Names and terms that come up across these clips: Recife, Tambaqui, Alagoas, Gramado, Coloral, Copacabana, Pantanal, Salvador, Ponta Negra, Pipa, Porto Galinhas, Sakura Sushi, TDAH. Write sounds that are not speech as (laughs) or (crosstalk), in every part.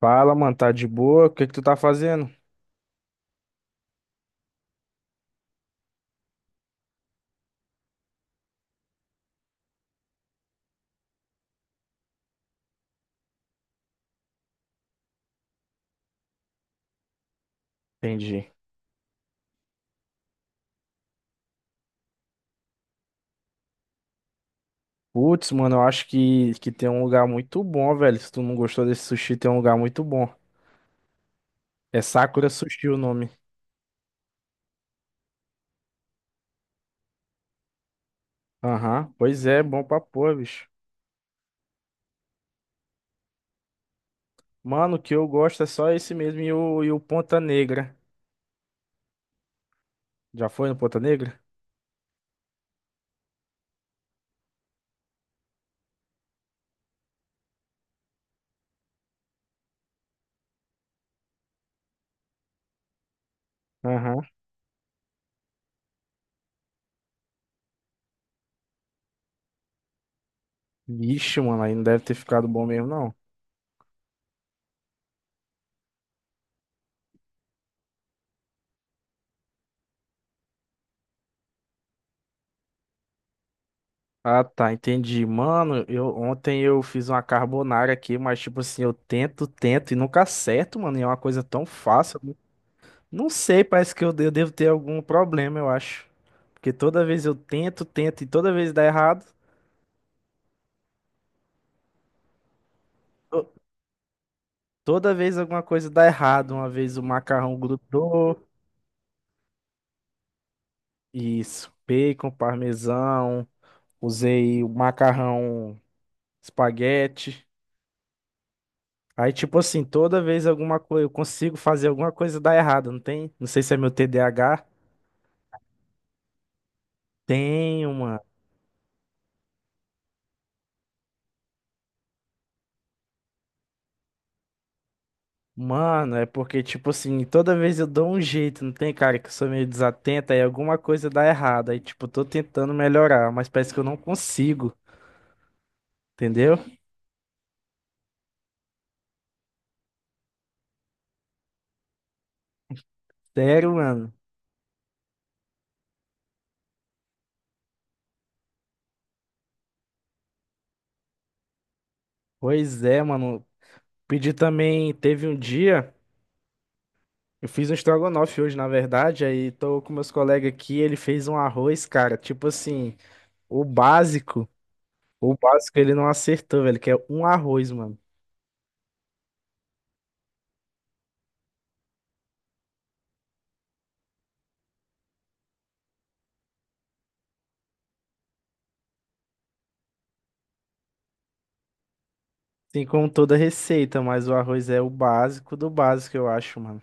Fala, mano, tá de boa? O que que tu tá fazendo? Entendi. Putz, mano, eu acho que tem um lugar muito bom, velho. Se tu não gostou desse sushi, tem um lugar muito bom. É Sakura Sushi o nome. Aham, pois é, bom pra pôr, bicho. Mano, o que eu gosto é só esse mesmo e o Ponta Negra. Já foi no Ponta Negra? Aham. Vixe, mano, aí não deve ter ficado bom mesmo, não. Ah, tá, entendi. Mano, eu ontem eu fiz uma carbonara aqui, mas tipo assim, eu tento, tento e nunca acerto, mano. E é uma coisa tão fácil. Não sei, parece que eu devo ter algum problema, eu acho. Porque toda vez eu tento, tento e toda vez dá errado. To- Toda vez alguma coisa dá errado. Uma vez o macarrão grudou. Isso, bacon, parmesão. Usei o macarrão espaguete. Aí, tipo assim, toda vez alguma coisa eu consigo fazer alguma coisa dar errado, não tem? Não sei se é meu TDAH. Tenho, mano. Mano, é porque, tipo assim, toda vez eu dou um jeito, não tem, cara, que eu sou meio desatento, aí alguma coisa dá errado. Aí, tipo, tô tentando melhorar, mas parece que eu não consigo, entendeu? Sério, mano. Pois é, mano. Pedi também, teve um dia, eu fiz um estrogonofe hoje, na verdade, aí tô com meus colegas aqui, ele fez um arroz, cara, tipo assim, o básico, o básico ele não acertou, velho, que é um arroz, mano. Assim como toda receita, mas o arroz é o básico do básico, eu acho, mano.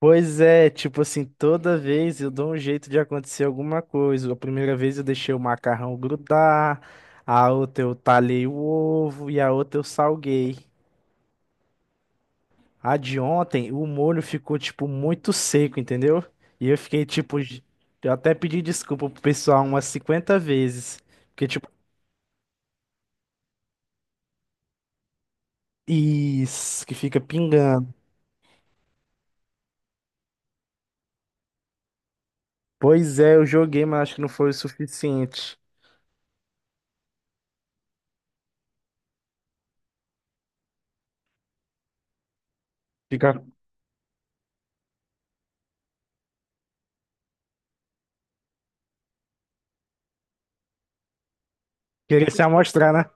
Pois é, tipo assim, toda vez eu dou um jeito de acontecer alguma coisa. A primeira vez eu deixei o macarrão grudar, a outra eu talhei o ovo e a outra eu salguei. A de ontem, o molho ficou, tipo, muito seco, entendeu? E eu fiquei, tipo, eu até pedi desculpa pro pessoal umas 50 vezes. Porque, tipo, isso, que fica pingando. Pois é, eu joguei, mas acho que não foi o suficiente. Fica, queria se amostrar, né?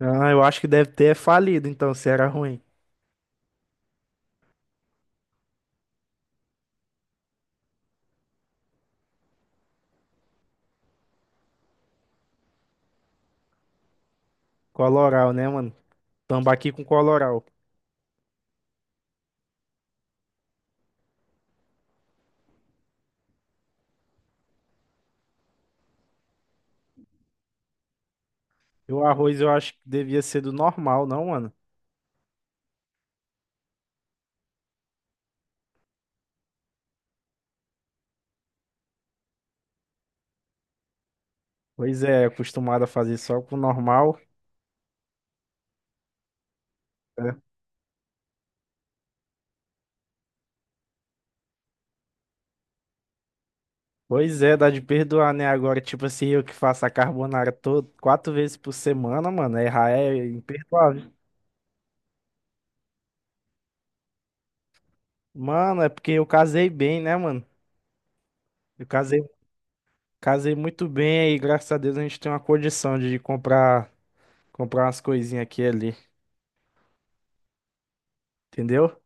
Ah, eu acho que deve ter falido, então, se era ruim. Coloral, né, mano? Tambaqui com coloral. E o arroz eu acho que devia ser do normal, não, mano? Pois é, acostumado a fazer só com o normal. É. Pois é, dá de perdoar, né? Agora, tipo assim, eu que faço a carbonara todo, quatro vezes por semana, mano, errar é imperdoável. Mano, é porque eu casei bem, né, mano? Eu casei, muito bem e graças a Deus a gente tem uma condição de comprar umas coisinhas aqui e ali, entendeu?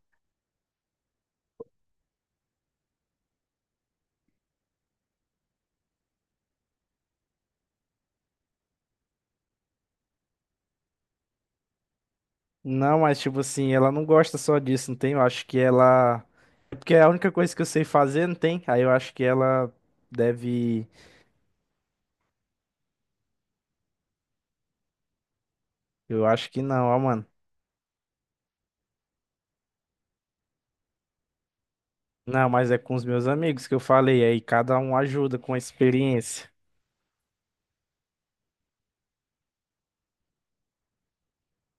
Não, mas tipo assim, ela não gosta só disso, não tem? Eu acho que ela. É, porque é a única coisa que eu sei fazer, não tem? Aí eu acho que ela deve. Eu acho que não, ó, mano. Não, mas é com os meus amigos que eu falei, aí cada um ajuda com a experiência.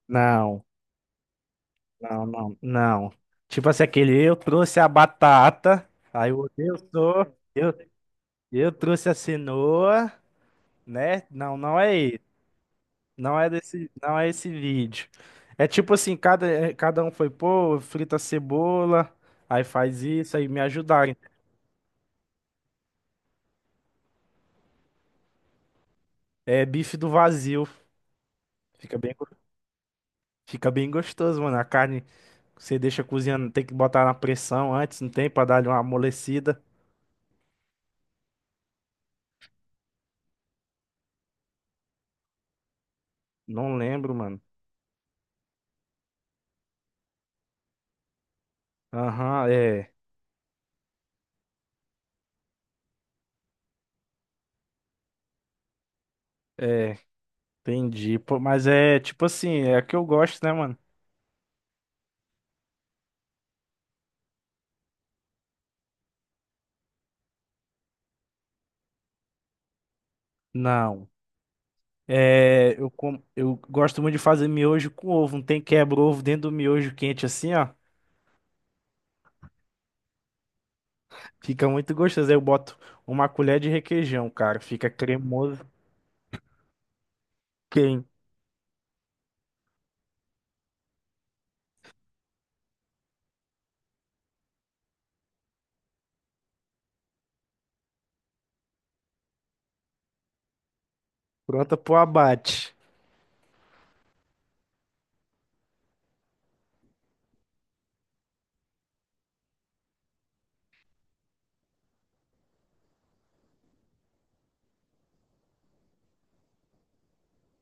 Não, não, não, não. Tipo assim, aquele eu trouxe a batata, aí o outro eu trouxe a cenoura, né? Não, não é desse, não é esse vídeo. É tipo assim, cada um foi, pô, frita cebola, aí faz isso, aí me ajudarem. É bife do vazio. Fica bem, go- fica bem gostoso, mano. A carne você deixa cozinhando, tem que botar na pressão antes, não tem, pra dar uma amolecida. Não lembro, mano. Aham, é, é, entendi. Pô, mas é tipo assim, é a que eu gosto, né, mano? Não. É, eu gosto muito de fazer miojo com ovo. Não tem, quebra-ovo dentro do miojo quente assim, ó. Fica muito gostoso. Eu boto uma colher de requeijão, cara. Fica cremoso. Quem? Pronta pro abate.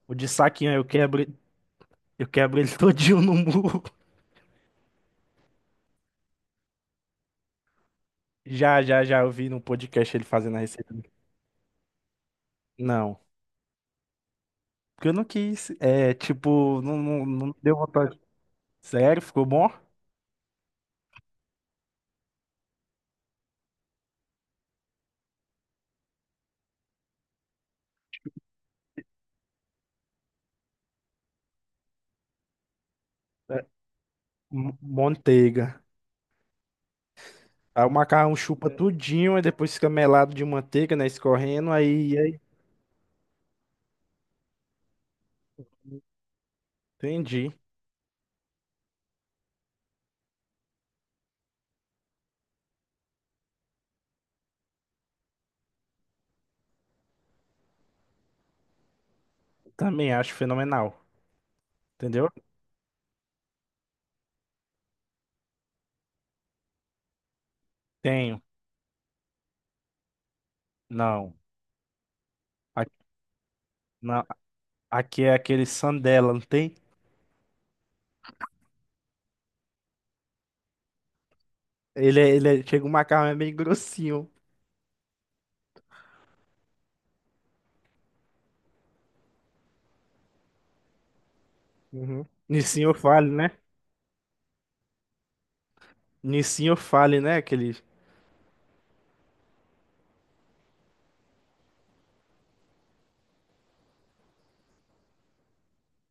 O de saquinho, eu quebro, ele (laughs) todinho no murro. Já, já, já. Eu vi no podcast ele fazendo a receita. Não. Porque eu não quis. É, tipo, não deu vontade. Sério, ficou bom? É, manteiga. Aí o macarrão chupa tudinho, aí depois fica melado de manteiga, né? Escorrendo, aí. Entendi. Também acho fenomenal. Entendeu? Tenho. Não. Aqui, Aqui é aquele sandela, não tem? Chega um macarrão é meio grossinho. Uhum. Nissinho fale, né? Nissinho fale, né? Aquele...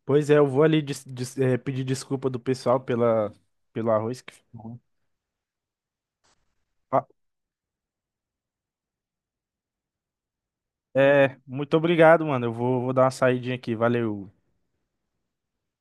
Pois é, eu vou ali pedir desculpa do pessoal pela, pelo arroz. Que... Uhum. Ah, é, muito obrigado, mano. Eu vou dar uma saidinha aqui. Valeu.